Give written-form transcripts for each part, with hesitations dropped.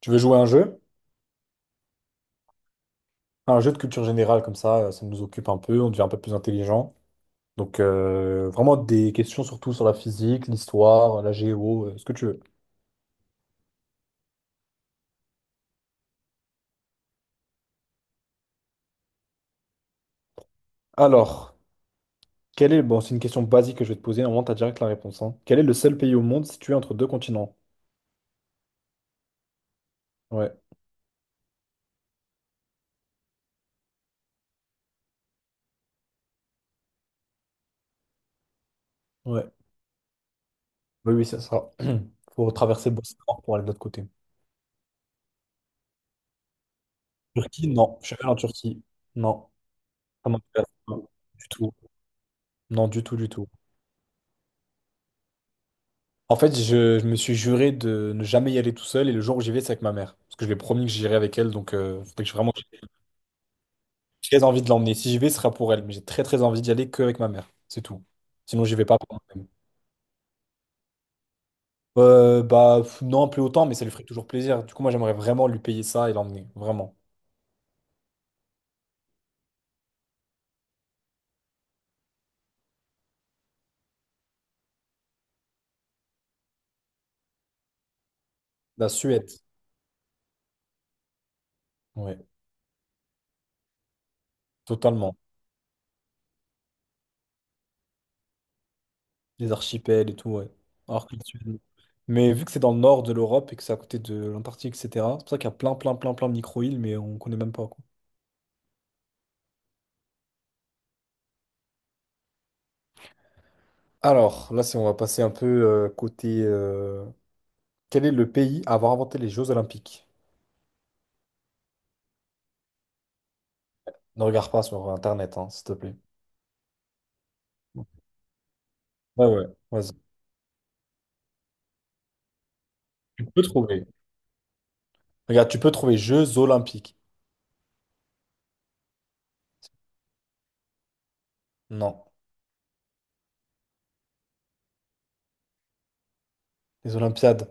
Tu veux jouer à un jeu? Un jeu de culture générale comme ça, ça nous occupe un peu, on devient un peu plus intelligent. Donc vraiment des questions surtout sur la physique, l'histoire, la géo, ce que tu veux. Alors, Bon, c'est une question basique que je vais te poser, normalement t'as direct la réponse, hein. Quel est le seul pays au monde situé entre deux continents? Ouais, ouais. Oui, oui, c'est ça. Faut traverser le Bosphore pour aller de l'autre côté. Turquie? Non. Je suis allé en Turquie. Non. Ça m'intéresse pas. Du tout. Non, du tout, du tout. En fait, je me suis juré de ne jamais y aller tout seul et le jour où j'y vais, c'est avec ma mère. Parce que je lui ai promis que j'irai avec elle, donc faudrait que j'ai vraiment. J'ai très envie de l'emmener. Si j'y vais, ce sera pour elle, mais j'ai très très envie d'y aller que avec ma mère. C'est tout. Sinon, j'y vais pas pour moi-même. Bah pff, non, plus autant, mais ça lui ferait toujours plaisir. Du coup, moi, j'aimerais vraiment lui payer ça et l'emmener. Vraiment. La Suède. Ouais, totalement. Les archipels et tout, ouais. Alors que la Suède. Mais vu que c'est dans le nord de l'Europe et que c'est à côté de l'Antarctique, etc., c'est pour ça qu'il y a plein, plein, plein, plein de micro-îles, mais on connaît même pas, quoi. Alors, là, si on va passer un peu quel est le pays à avoir inventé les Jeux Olympiques? Ne regarde pas sur Internet, hein, s'il te plaît. Ouais, ouais, vas-y. Tu peux trouver. Regarde, tu peux trouver Jeux Olympiques. Non. Les Olympiades.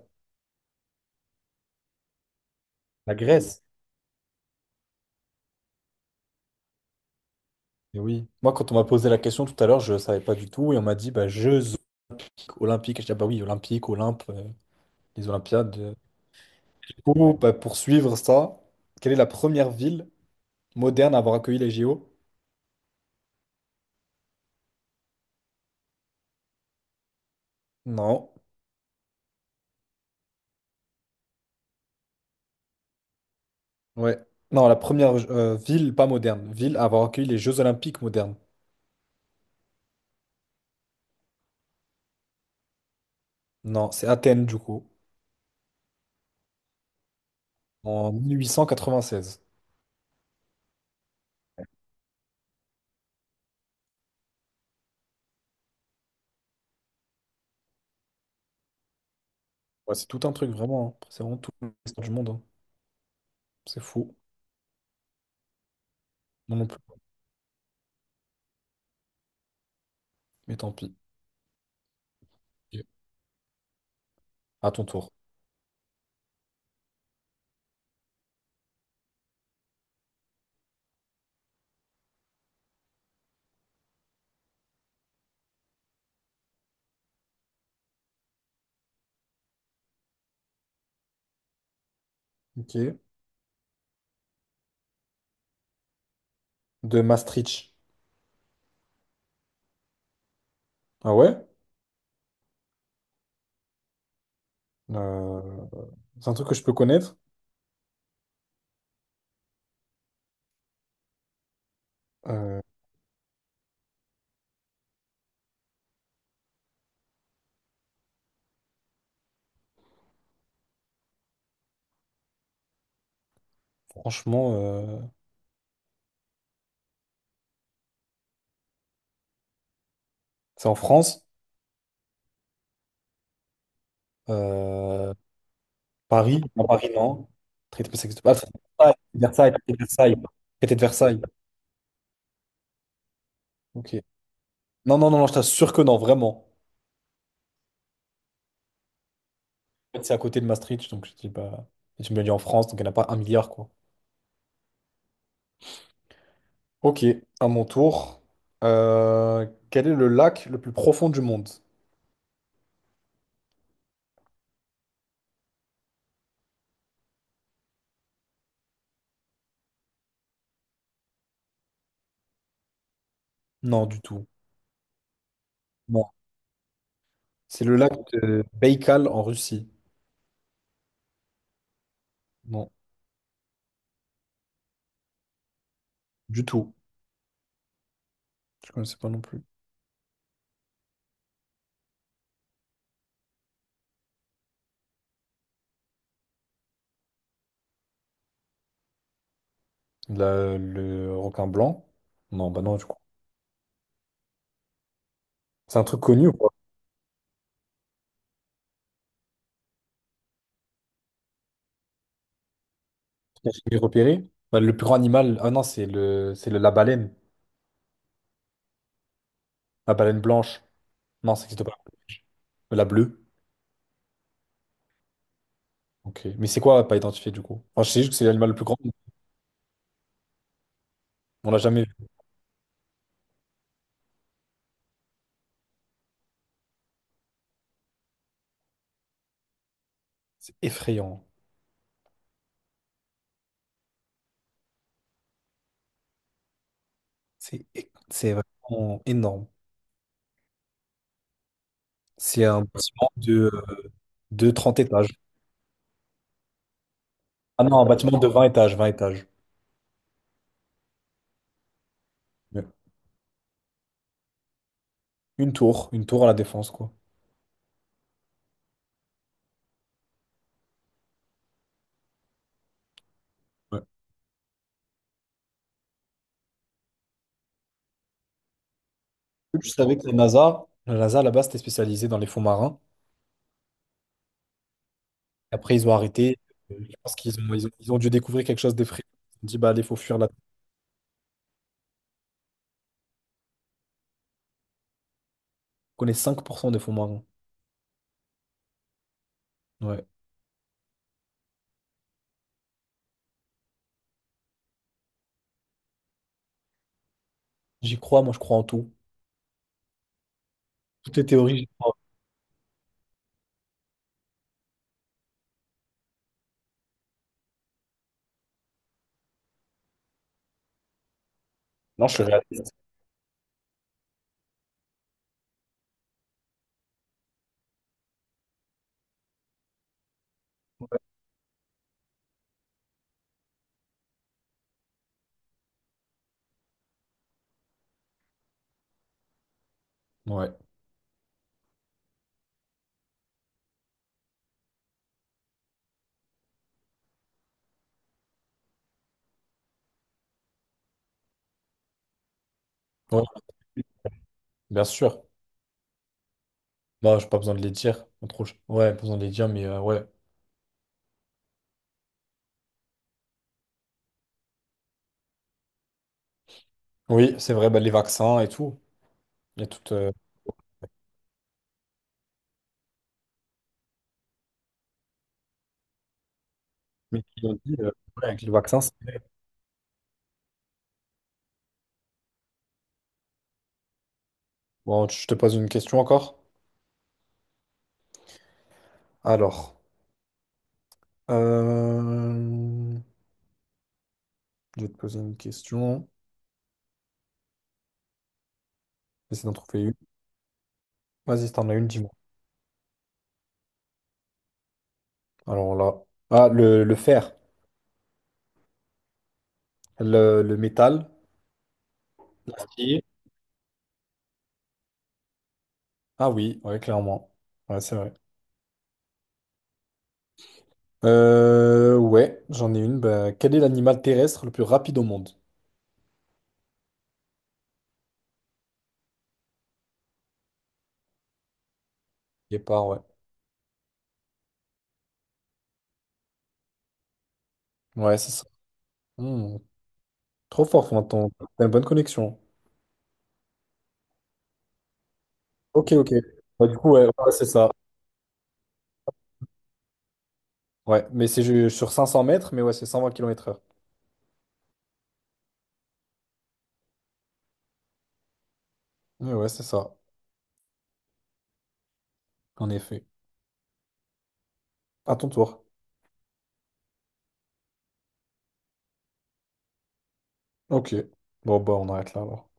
La Grèce. Eh oui. Moi, quand on m'a posé la question tout à l'heure, je ne savais pas du tout. Et on m'a dit, bah, Jeux Olympiques. Olympiques. Je dis, ah bah oui, Olympiques, Olympe, les Olympiades. Du coup, bah, pour suivre ça, quelle est la première ville moderne à avoir accueilli les JO? Non. Ouais. Non, la première ville, pas moderne, ville à avoir accueilli les Jeux Olympiques modernes. Non, c'est Athènes, du coup, en 1896. Ouais, c'est tout un truc, vraiment, hein. C'est vraiment tout l'histoire du monde, hein. C'est fou. Moi non plus. Mais tant pis. Ok. À ton tour. Ok. De Maastricht. Ah ouais? Euh, c'est un truc que je peux connaître. Euh, franchement, c'est en France. Euh, Paris. Non, Paris, non. Traité, mais ça existe pas. Traité de Versailles. Versailles. Traité de Versailles. Ok. Non, non, non, non, je t'assure que non, vraiment. En fait, c'est à côté de Maastricht, donc je dis pas. Et tu me l'as dit en France, donc il n'y en a pas un milliard, quoi. Ok, à mon tour. Quel est le lac le plus profond du monde? Non, du tout. Non. C'est le lac de Baïkal en Russie. Non, du tout. Je connaissais pas non plus. Le requin blanc? Non, bah non, du coup. C'est un truc connu ou quoi? J'ai repéré. Bah, le plus grand animal. Ah non, la baleine. La baleine blanche. Non, ça n'existe pas. La bleue. Ok. Mais c'est quoi pas identifié du coup? Enfin, je sais juste que c'est l'animal le plus grand. On l'a jamais vu. C'est effrayant. C'est vraiment énorme. C'est un bâtiment de 30 étages. Ah non, un bâtiment de 20 étages, 20 étages. Ouais. Une tour à la Défense, quoi. Ouais. Je savais que la NASA là-bas, c'était spécialisé dans les fonds marins. Après, ils ont arrêté. Je pense qu'ils ont dû découvrir quelque chose d'effrayant. Ils ont dit, bah allez, faut fuir là. On connaît 5% des fonds marins. Ouais. J'y crois, moi je crois en tout. Toutes les théories, j'y crois. Non, je suis réaliste. Ouais. Ouais. Bien sûr. Bah, j'ai pas besoin de les dire. Pas trop- Ouais, pas besoin de les dire, mais ouais. Oui, c'est vrai, bah, les vaccins et tout. Il y a tout. Mais qui l'ont dit, ouais, avec les vaccins, c'est vrai. Bon, je te pose une question encore. Alors, euh, je vais te poser une question. J'essaie d'en trouver une. Vas-y, si t'en as une, dis-moi. Alors là. Ah, le fer, le métal. L'acier. Ah oui, ouais, clairement. Ouais, c'est vrai. Ouais, j'en ai une. Bah, quel est l'animal terrestre le plus rapide au monde? Guépard, ouais. Ouais, c'est ça. Hmm. Trop fort, enfin, t'as une bonne connexion. Ok, ok. Bah, du coup, ouais, ouais, ouais, c'est ça. Ouais, mais c'est sur 500 mètres, mais ouais, c'est 120 km/h. Ouais, ouais, c'est ça, en effet. À ton tour. Ok. Bon, bah, on arrête là, alors.